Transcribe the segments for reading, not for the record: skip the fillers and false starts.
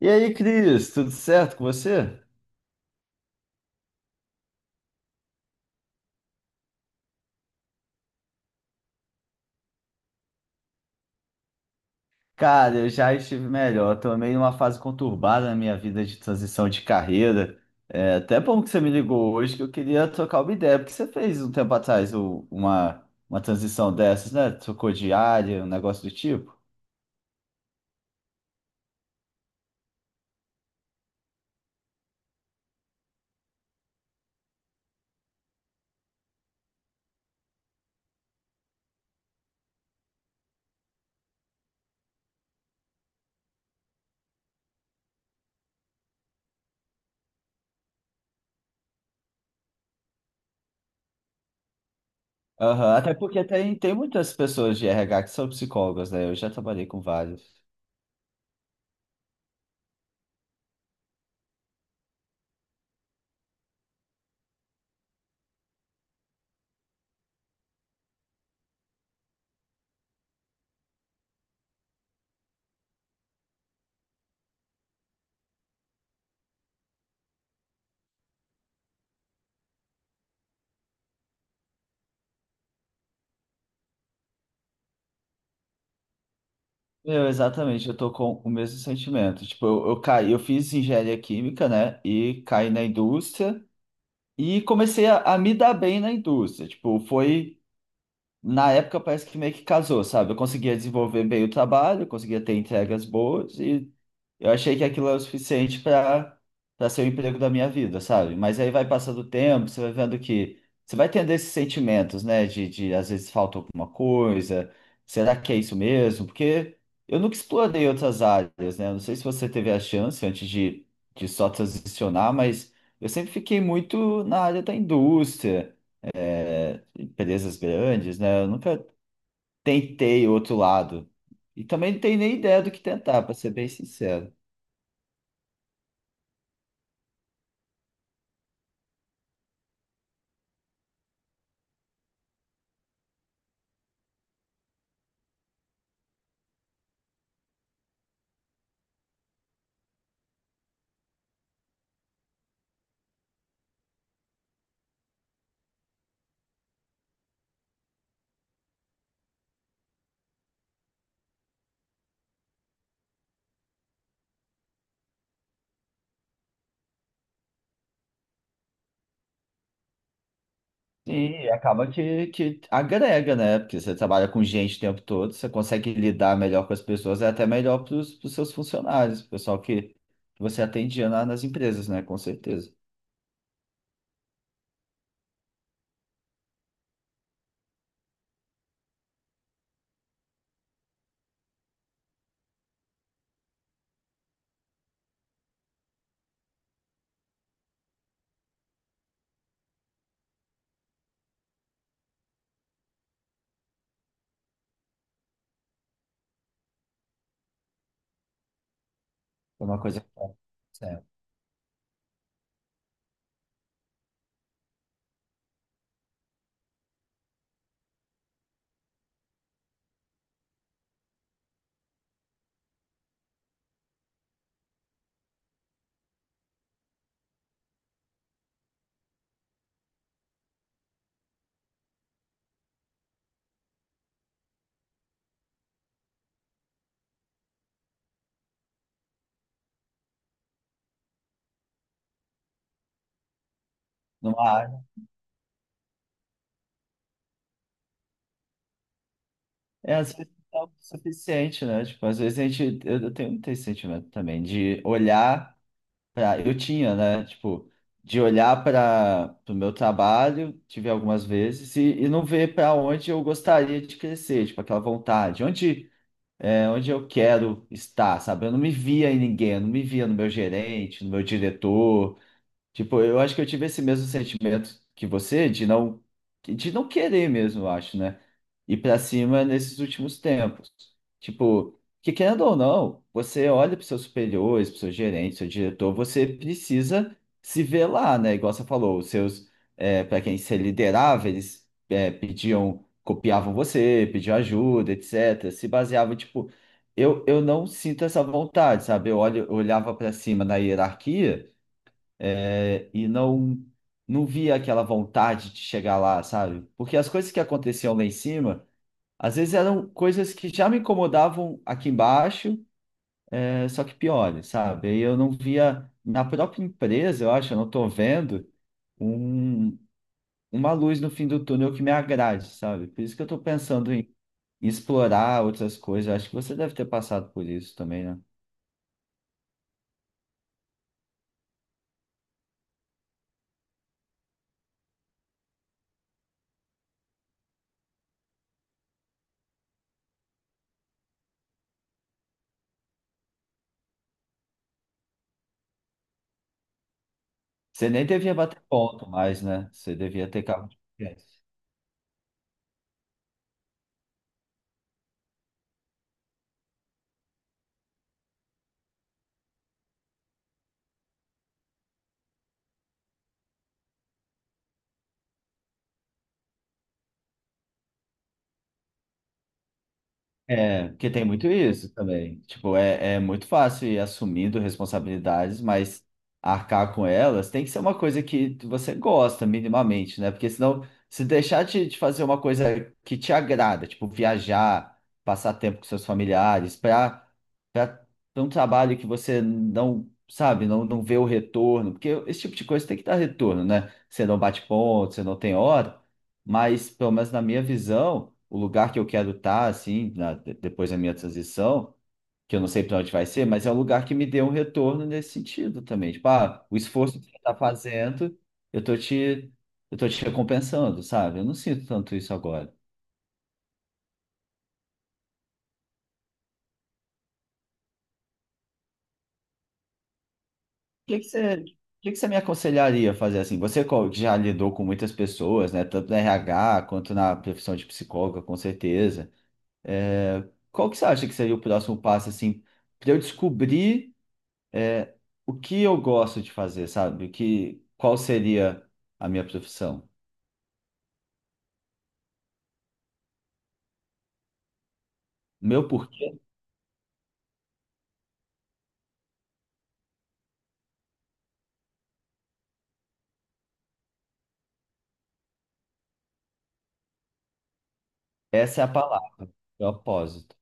E aí, Cris, tudo certo com você? Cara, eu já estive melhor. Eu tô meio numa fase conturbada na minha vida de transição de carreira. É até bom que você me ligou hoje, que eu queria trocar uma ideia, porque você fez um tempo atrás uma transição dessas, né? Trocou de área, um negócio do tipo. Aham. Até porque tem muitas pessoas de RH que são psicólogas, né? Eu já trabalhei com vários. Meu, exatamente, eu tô com o mesmo sentimento. Tipo, eu caí, eu fiz engenharia química, né? E caí na indústria. E comecei a me dar bem na indústria. Tipo, foi. Na época parece que meio que casou, sabe? Eu conseguia desenvolver bem o trabalho, eu conseguia ter entregas boas e eu achei que aquilo era o suficiente para ser o emprego da minha vida, sabe? Mas aí vai passando o tempo, você vai vendo que você vai tendo esses sentimentos, né? De às vezes falta alguma coisa, será que é isso mesmo? Porque eu nunca explorei outras áreas, né? Eu não sei se você teve a chance antes de só transicionar, mas eu sempre fiquei muito na área da indústria, empresas grandes, né? Eu nunca tentei o outro lado. E também não tenho nem ideia do que tentar, para ser bem sincero. E acaba que agrega, né? Porque você trabalha com gente o tempo todo, você consegue lidar melhor com as pessoas, é até melhor para os seus funcionários, o pessoal que você atendia lá nas empresas, né? Com certeza. É uma coisa que tá certo. Numa área. É, às vezes não é o suficiente, né? Tipo, às vezes a gente. Eu tenho muito esse sentimento também, de olhar. Eu tinha, né? Tipo, de olhar para o meu trabalho, tive algumas vezes, e não ver para onde eu gostaria de crescer, tipo, aquela vontade, onde, é, onde eu quero estar, sabe? Eu não me via em ninguém, eu não me via no meu gerente, no meu diretor. Tipo, eu acho que eu tive esse mesmo sentimento que você de não querer mesmo, eu acho, né? Ir pra cima nesses últimos tempos. Tipo, que querendo ou não, você olha para seus superiores, para seu gerente, seu diretor, você precisa se ver lá, né? Igual você falou, os seus para quem você liderava, eles é, pediam, copiavam você, pediam ajuda, etc. Se baseava, tipo, eu não sinto essa vontade, sabe? Eu olho, eu olhava para cima na hierarquia, é, e não não via aquela vontade de chegar lá, sabe? Porque as coisas que aconteciam lá em cima, às vezes eram coisas que já me incomodavam aqui embaixo, é, só que piores, sabe? E eu não via na própria empresa, eu acho, eu não estou vendo um, uma luz no fim do túnel que me agrade, sabe? Por isso que eu estou pensando em explorar outras coisas. Eu acho que você deve ter passado por isso também, né? Você nem devia bater ponto mais, né? Você devia ter carro de clientes. É, porque tem muito isso também. Tipo, é, é muito fácil ir assumindo responsabilidades, mas arcar com elas tem que ser uma coisa que você gosta minimamente, né? Porque senão, se deixar de fazer uma coisa que te agrada, tipo viajar, passar tempo com seus familiares, para um trabalho que você não, sabe, não, não vê o retorno, porque esse tipo de coisa tem que dar retorno, né? Você não bate ponto, você não tem hora. Mas, pelo menos na minha visão, o lugar que eu quero estar, assim, depois da minha transição, que eu não sei para onde vai ser, mas é um lugar que me dê um retorno nesse sentido também. Tipo, ah, o esforço que você está fazendo, eu tô te, eu tô te recompensando, sabe? Eu não sinto tanto isso agora. O que que você, o que que você me aconselharia a fazer assim? Você que já lidou com muitas pessoas, né? Tanto na RH quanto na profissão de psicóloga, com certeza. É, qual que você acha que seria o próximo passo, assim, para eu descobrir o que eu gosto de fazer, sabe? O que, qual seria a minha profissão? Meu porquê? Essa é a palavra, propósito.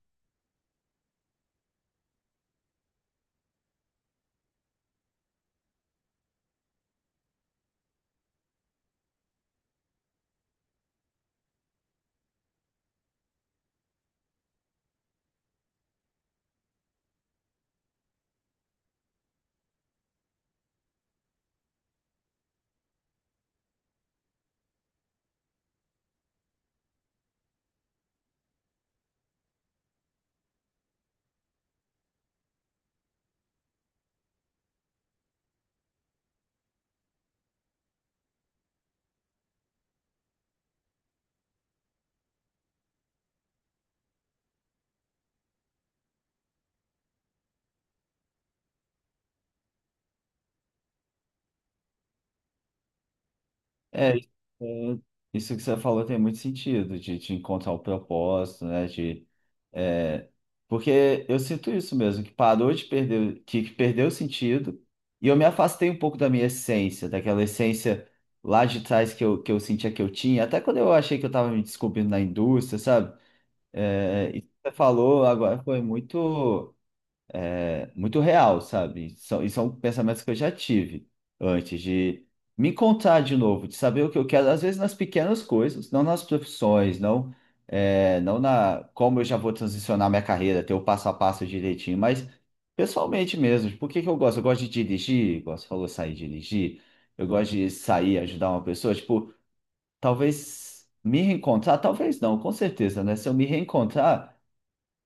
É, é- isso que você falou tem muito sentido, de encontrar o propósito, né? De, é, porque eu sinto isso mesmo, que parou de perder, que perdeu o sentido, e eu me afastei um pouco da minha essência, daquela essência lá de trás que eu sentia que eu tinha, até quando eu achei que eu estava me descobrindo na indústria, sabe? É, isso que você falou agora foi muito, é, muito real, sabe? São, e são pensamentos que eu já tive antes de me encontrar de novo, de saber o que eu quero, às vezes nas pequenas coisas, não nas profissões, não, é, não na como eu já vou transicionar minha carreira, ter o passo a passo direitinho, mas pessoalmente mesmo, por que que eu gosto? Eu gosto de dirigir, igual você falou, sair e dirigir, eu gosto de sair, ajudar uma pessoa, tipo, talvez me reencontrar, talvez não, com certeza, né? Se eu me reencontrar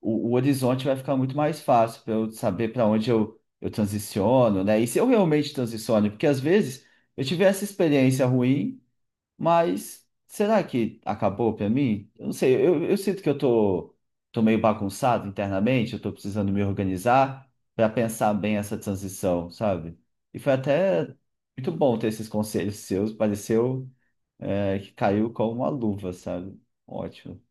o horizonte vai ficar muito mais fácil para eu saber para onde eu transiciono, né? E se eu realmente transiciono, porque às vezes eu tive essa experiência ruim, mas será que acabou para mim? Eu não sei, eu sinto que eu tô meio bagunçado internamente, eu tô precisando me organizar para pensar bem essa transição, sabe? E foi até muito bom ter esses conselhos seus, pareceu, é, que caiu como uma luva, sabe? Ótimo.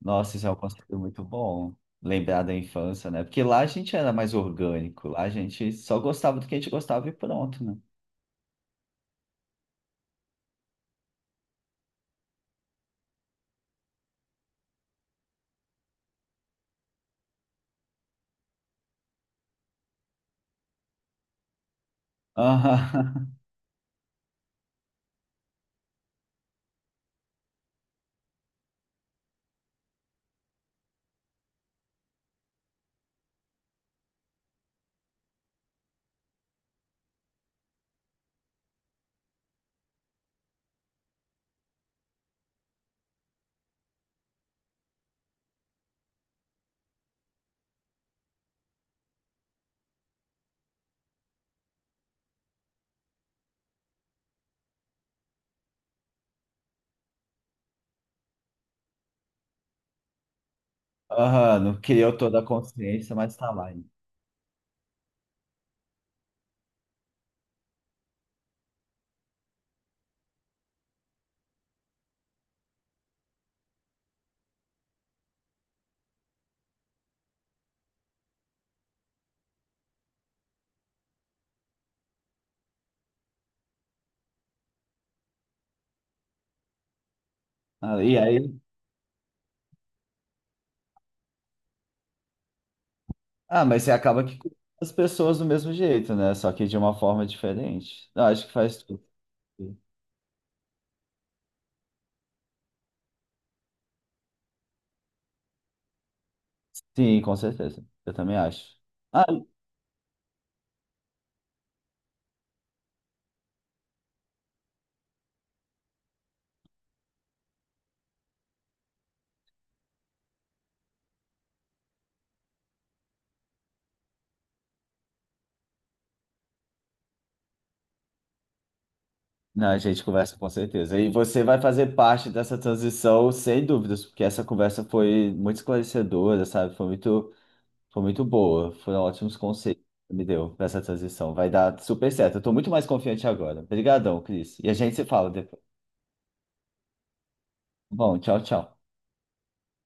Nossa, isso é um conceito muito bom. Lembrar da infância, né? Porque lá a gente era mais orgânico, lá a gente só gostava do que a gente gostava e pronto, né? Aham. Aham, não criou toda a consciência, mas tá lá, hein? Ah, e aí, ah, mas você acaba que cuida as pessoas do mesmo jeito, né? Só que de uma forma diferente. Eu acho que faz tudo. Sim, com certeza. Eu também acho. Ah, não, a gente conversa com certeza. E você vai fazer parte dessa transição, sem dúvidas, porque essa conversa foi muito esclarecedora, sabe? Foi muito boa, foram ótimos conselhos que me deu para essa transição. Vai dar super certo. Eu tô muito mais confiante agora. Obrigadão, Cris. E a gente se fala depois. Tá bom, tchau, tchau.